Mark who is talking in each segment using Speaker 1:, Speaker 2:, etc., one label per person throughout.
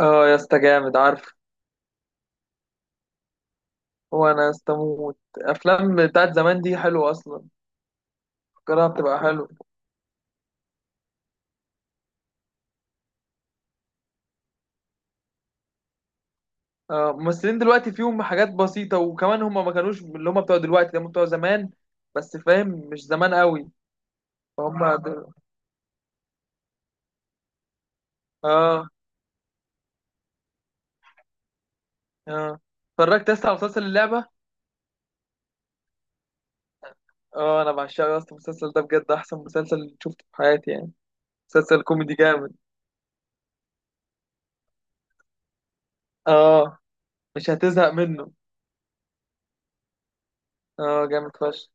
Speaker 1: اه يا اسطى، جامد عارف. هو انا استموت افلام بتاعت زمان دي حلوه اصلا، فكرها بتبقى حلوه. اه ممثلين دلوقتي فيهم حاجات بسيطه، وكمان هم ما كانوش اللي هم بتوع دلوقتي، هم بتوع زمان. بس فاهم، مش زمان قوي. فهم دل... اه اه، اتفرجت لسه على مسلسل اللعبه. اه انا بعشقه يا اسطى، المسلسل ده بجد احسن مسلسل شفته في حياتي يعني. مسلسل كوميدي جامد. اه مش هتزهق منه. اه جامد فشخ.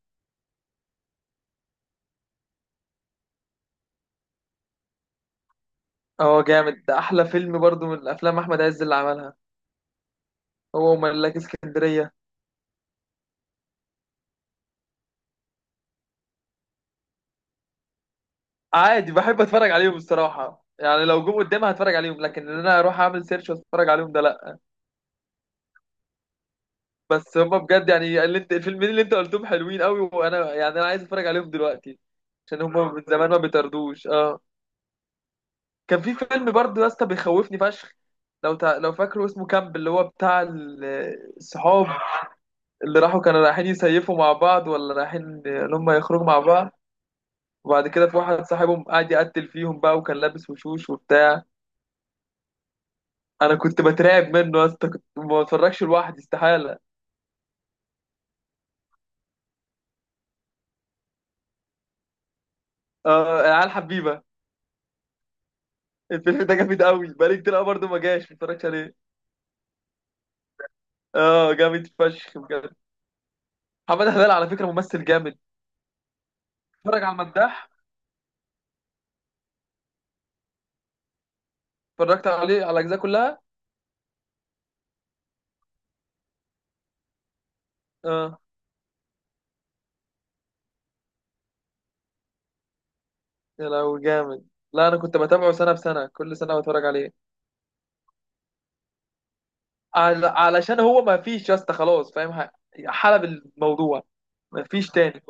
Speaker 1: اه جامد ده، احلى فيلم برضو من الافلام احمد عز اللي عملها، هو وملاك اسكندرية. عادي بحب اتفرج عليهم الصراحة يعني، لو جم قدامي هتفرج عليهم، لكن ان انا اروح اعمل سيرش واتفرج عليهم ده لا. بس هما بجد يعني اللي انت الفيلمين اللي انت قلتهم حلوين قوي، وانا يعني انا عايز اتفرج عليهم دلوقتي عشان هما من زمان، ما بيطردوش. اه كان في فيلم برضه يا اسطى بيخوفني فشخ، لو فاكره اسمه كامب، اللي هو بتاع الصحاب اللي راحوا، كانوا رايحين يسيفوا مع بعض، ولا رايحين ان هم يخرجوا مع بعض. وبعد كده في واحد صاحبهم قاعد يقتل فيهم بقى، وكان لابس وشوش وبتاع. انا كنت بترعب منه يا اسطى، كنت ما بتفرجش لوحدي استحاله. اه العيال حبيبه. الفيلم ده جامد قوي، بقالي كتير قوي برضه ما جاش ما اتفرجتش عليه. اه جامد فشخ بجد. محمد هلال على فكره ممثل جامد. اتفرج على المداح، اتفرجت عليه على الاجزاء كلها. اه يا لو جامد، لا انا كنت بتابعه سنه بسنه، كل سنه بتفرج عليه. علشان هو ما فيش يا اسطى، خلاص فاهم، حلب الموضوع، ما فيش تاني.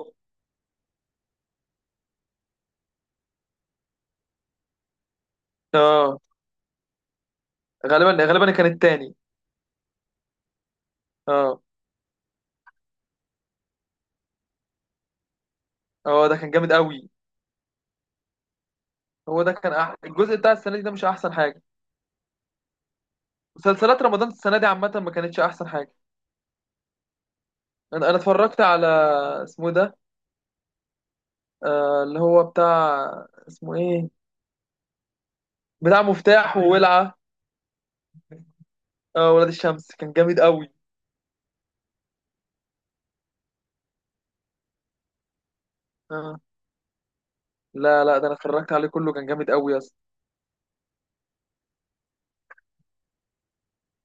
Speaker 1: اه غالبا كان التاني. اه اه ده كان جامد قوي. هو ده كان الجزء بتاع السنه دي ده مش احسن حاجه. مسلسلات رمضان السنه دي عامه ما كانتش احسن حاجه. انا اتفرجت على اسمه إيه ده، آه اللي هو بتاع اسمه ايه، بتاع مفتاح وولعه. آه ولاد الشمس كان جامد قوي. آه. لا ده انا اتفرجت عليه كله، كان جامد قوي يا اسطى.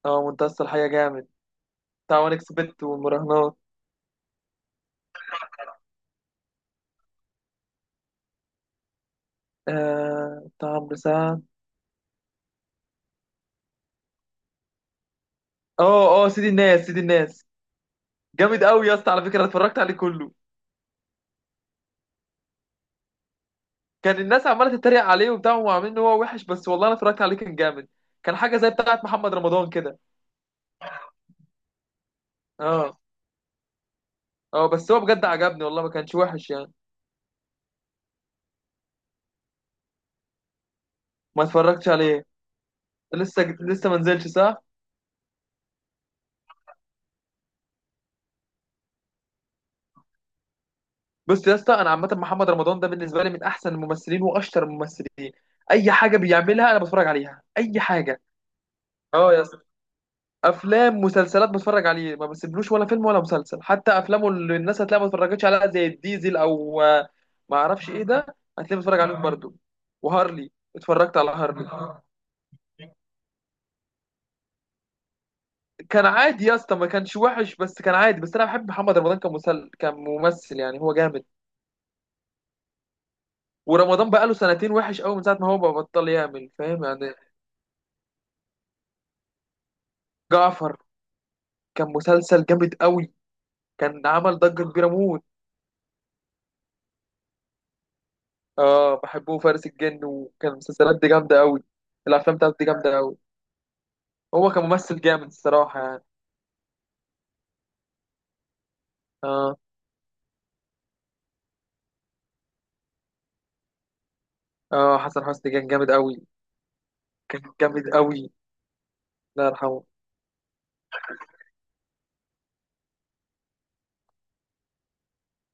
Speaker 1: اه منتصر الحياه جامد، بتاع وان اكسبت والمراهنات. آه بتاع عمرو سعد. اه اه سيدي الناس، سيدي الناس جامد قوي يا اسطى، على فكره أنا اتفرجت عليه كله. كان الناس عماله تتريق عليه وبتاع وعاملين ان هو وحش، بس والله انا اتفرجت عليه كان جامد. كان حاجه زي بتاعه محمد رمضان كده. اه اه بس هو بجد عجبني والله، ما كانش وحش يعني. ما اتفرجتش عليه. لسه ما نزلش صح. بص يا اسطى، انا عامه محمد رمضان ده بالنسبه لي من احسن الممثلين واشطر الممثلين. اي حاجه بيعملها انا بتفرج عليها، اي حاجه. اه يا اسطى، افلام مسلسلات بتفرج عليه ما بسيبلوش ولا فيلم ولا مسلسل. حتى افلامه اللي الناس هتلاقيها ما اتفرجتش عليها، زي الديزل او ما اعرفش ايه ده، هتلاقيه بتفرج عليهم برضو. وهارلي، اتفرجت على هارلي. كان عادي يا اسطى، ما كانش وحش، بس كان عادي، بس انا بحب محمد رمضان كممثل يعني، هو جامد. ورمضان بقى له سنتين وحش قوي من ساعه ما هو بطل يعمل، فاهم يعني. جعفر كان مسلسل جامد قوي، كان عمل ضجه كبيره موت. اه بحبه فارس الجن، وكان المسلسلات دي جامده قوي. الافلام بتاعته دي جامده قوي. هو كممثل جامد الصراحة يعني. اه اه حسن حسني كان جامد قوي، كان جامد قوي، الله يرحمه.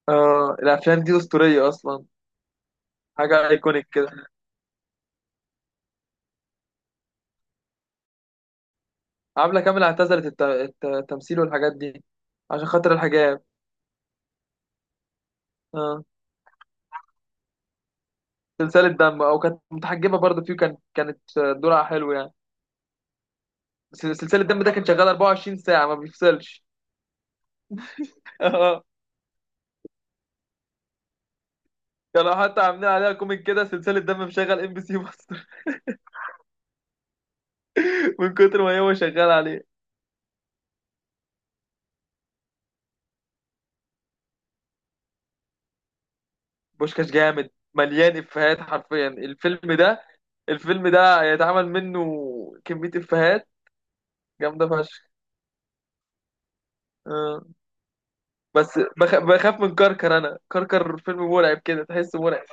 Speaker 1: اه الأفلام دي أسطورية أصلا، حاجة أيكونيك كده. عبلة كامل اعتزلت التمثيل والحاجات دي عشان خاطر الحجاب. اه سلسلة دم، أو كانت متحجبة برضه فيه، كان كانت دورها حلو يعني. بس سلسلة دم ده كان شغال 24 ساعة ما بيفصلش. اه كانوا حتى عاملين عليها كوميك كده، سلسلة دم مشغل ام بي سي مصر. من كتر ما هو شغال عليه. بوشكاش جامد، مليان افيهات حرفيا الفيلم ده. الفيلم ده هيتعمل منه كمية افيهات جامدة فشخ. آه. بخاف من كركر، انا كركر فيلم مرعب كده، تحسه مرعب.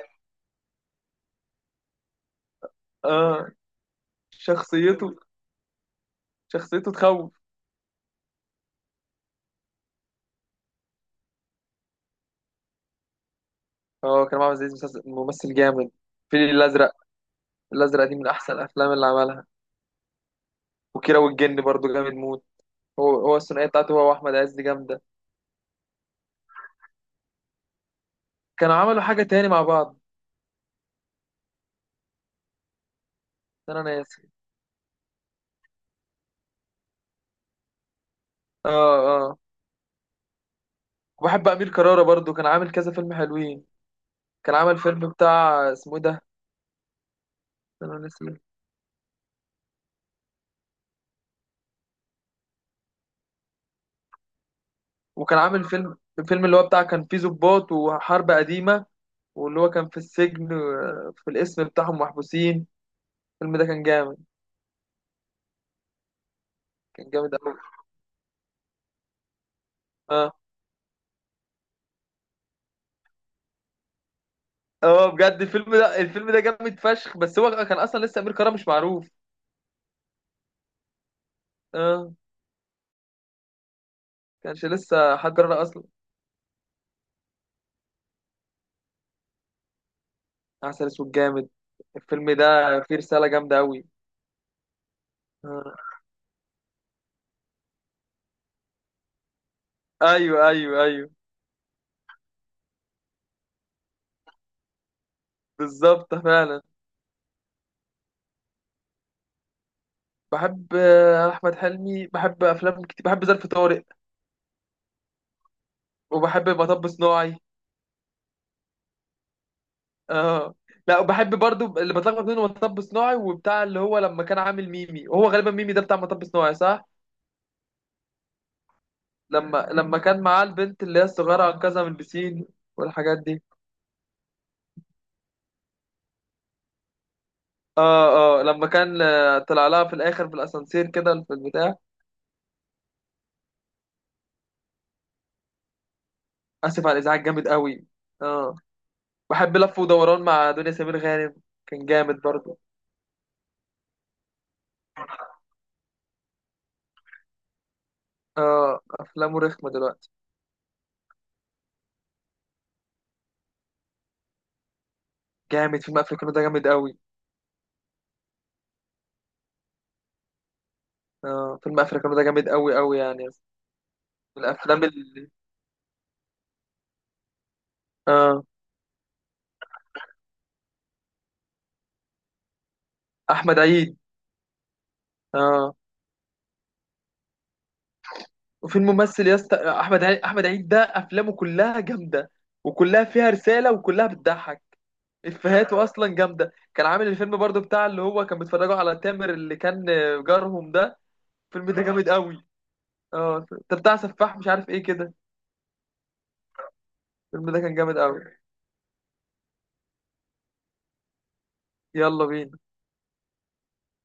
Speaker 1: اه شخصيته، شخصيته تخوف. اه كريم عبد العزيز ممثل جامد. الفيل الازرق، الازرق دي من احسن الافلام اللي عملها. وكيرة والجن برضو جامد موت. هو الثنائيه بتاعته هو واحمد عز دي جامده. كانوا عملوا حاجه تاني مع بعض، بس انا ناسي. اه اه وبحب امير كرارة برضو، كان عامل كذا فيلم حلوين. كان عامل فيلم بتاع اسمه إيه ده، انا نسيت. وكان عامل فيلم، الفيلم اللي هو بتاع كان فيه ضباط وحرب قديمة، واللي هو كان في السجن، في الاسم بتاعهم محبوسين. الفيلم ده كان جامد، كان جامد قوي. اه اه بجد الفيلم ده، الفيلم ده جامد فشخ، بس هو كان اصلا لسه امير كرارة مش معروف. اه كانش لسه حد كرارة اصلا. عسل اسود جامد، الفيلم ده فيه رسالة جامدة قوي. آه. ايوه ايوه ايوه، بالظبط فعلا. بحب احمد حلمي، بحب افلام كتير، بحب ظرف طارق وبحب مطب صناعي. اه لا وبحب برضو اللي بتلخبط بينه مطب صناعي وبتاع، اللي هو لما كان عامل ميمي، وهو غالبا ميمي ده بتاع مطب صناعي صح، لما كان معاه البنت اللي هي الصغيره انقذها من البسين والحاجات دي. اه اه لما كان طلع لها في الاخر في الاسانسير كده في البتاع. اسف على الازعاج جامد قوي. اه بحب لف ودوران مع دنيا سمير غانم، كان جامد برضو. اه افلامه رخمه دلوقتي. جامد، فيلم افريكانو ده جامد قوي. اه فيلم افريكانو ده جامد قوي قوي يعني، من الافلام اللي اه احمد عيد. اه وفي الممثل يا اسطى، احمد عيد، احمد عيد ده افلامه كلها جامده، وكلها فيها رساله وكلها بتضحك. افيهاته اصلا جامده. كان عامل الفيلم برضو بتاع، اللي هو كان بيتفرجوا على تامر اللي كان جارهم ده. الفيلم ده جامد قوي. اه ده بتاع سفاح مش عارف ايه كده. الفيلم ده كان جامد قوي. يلا بينا.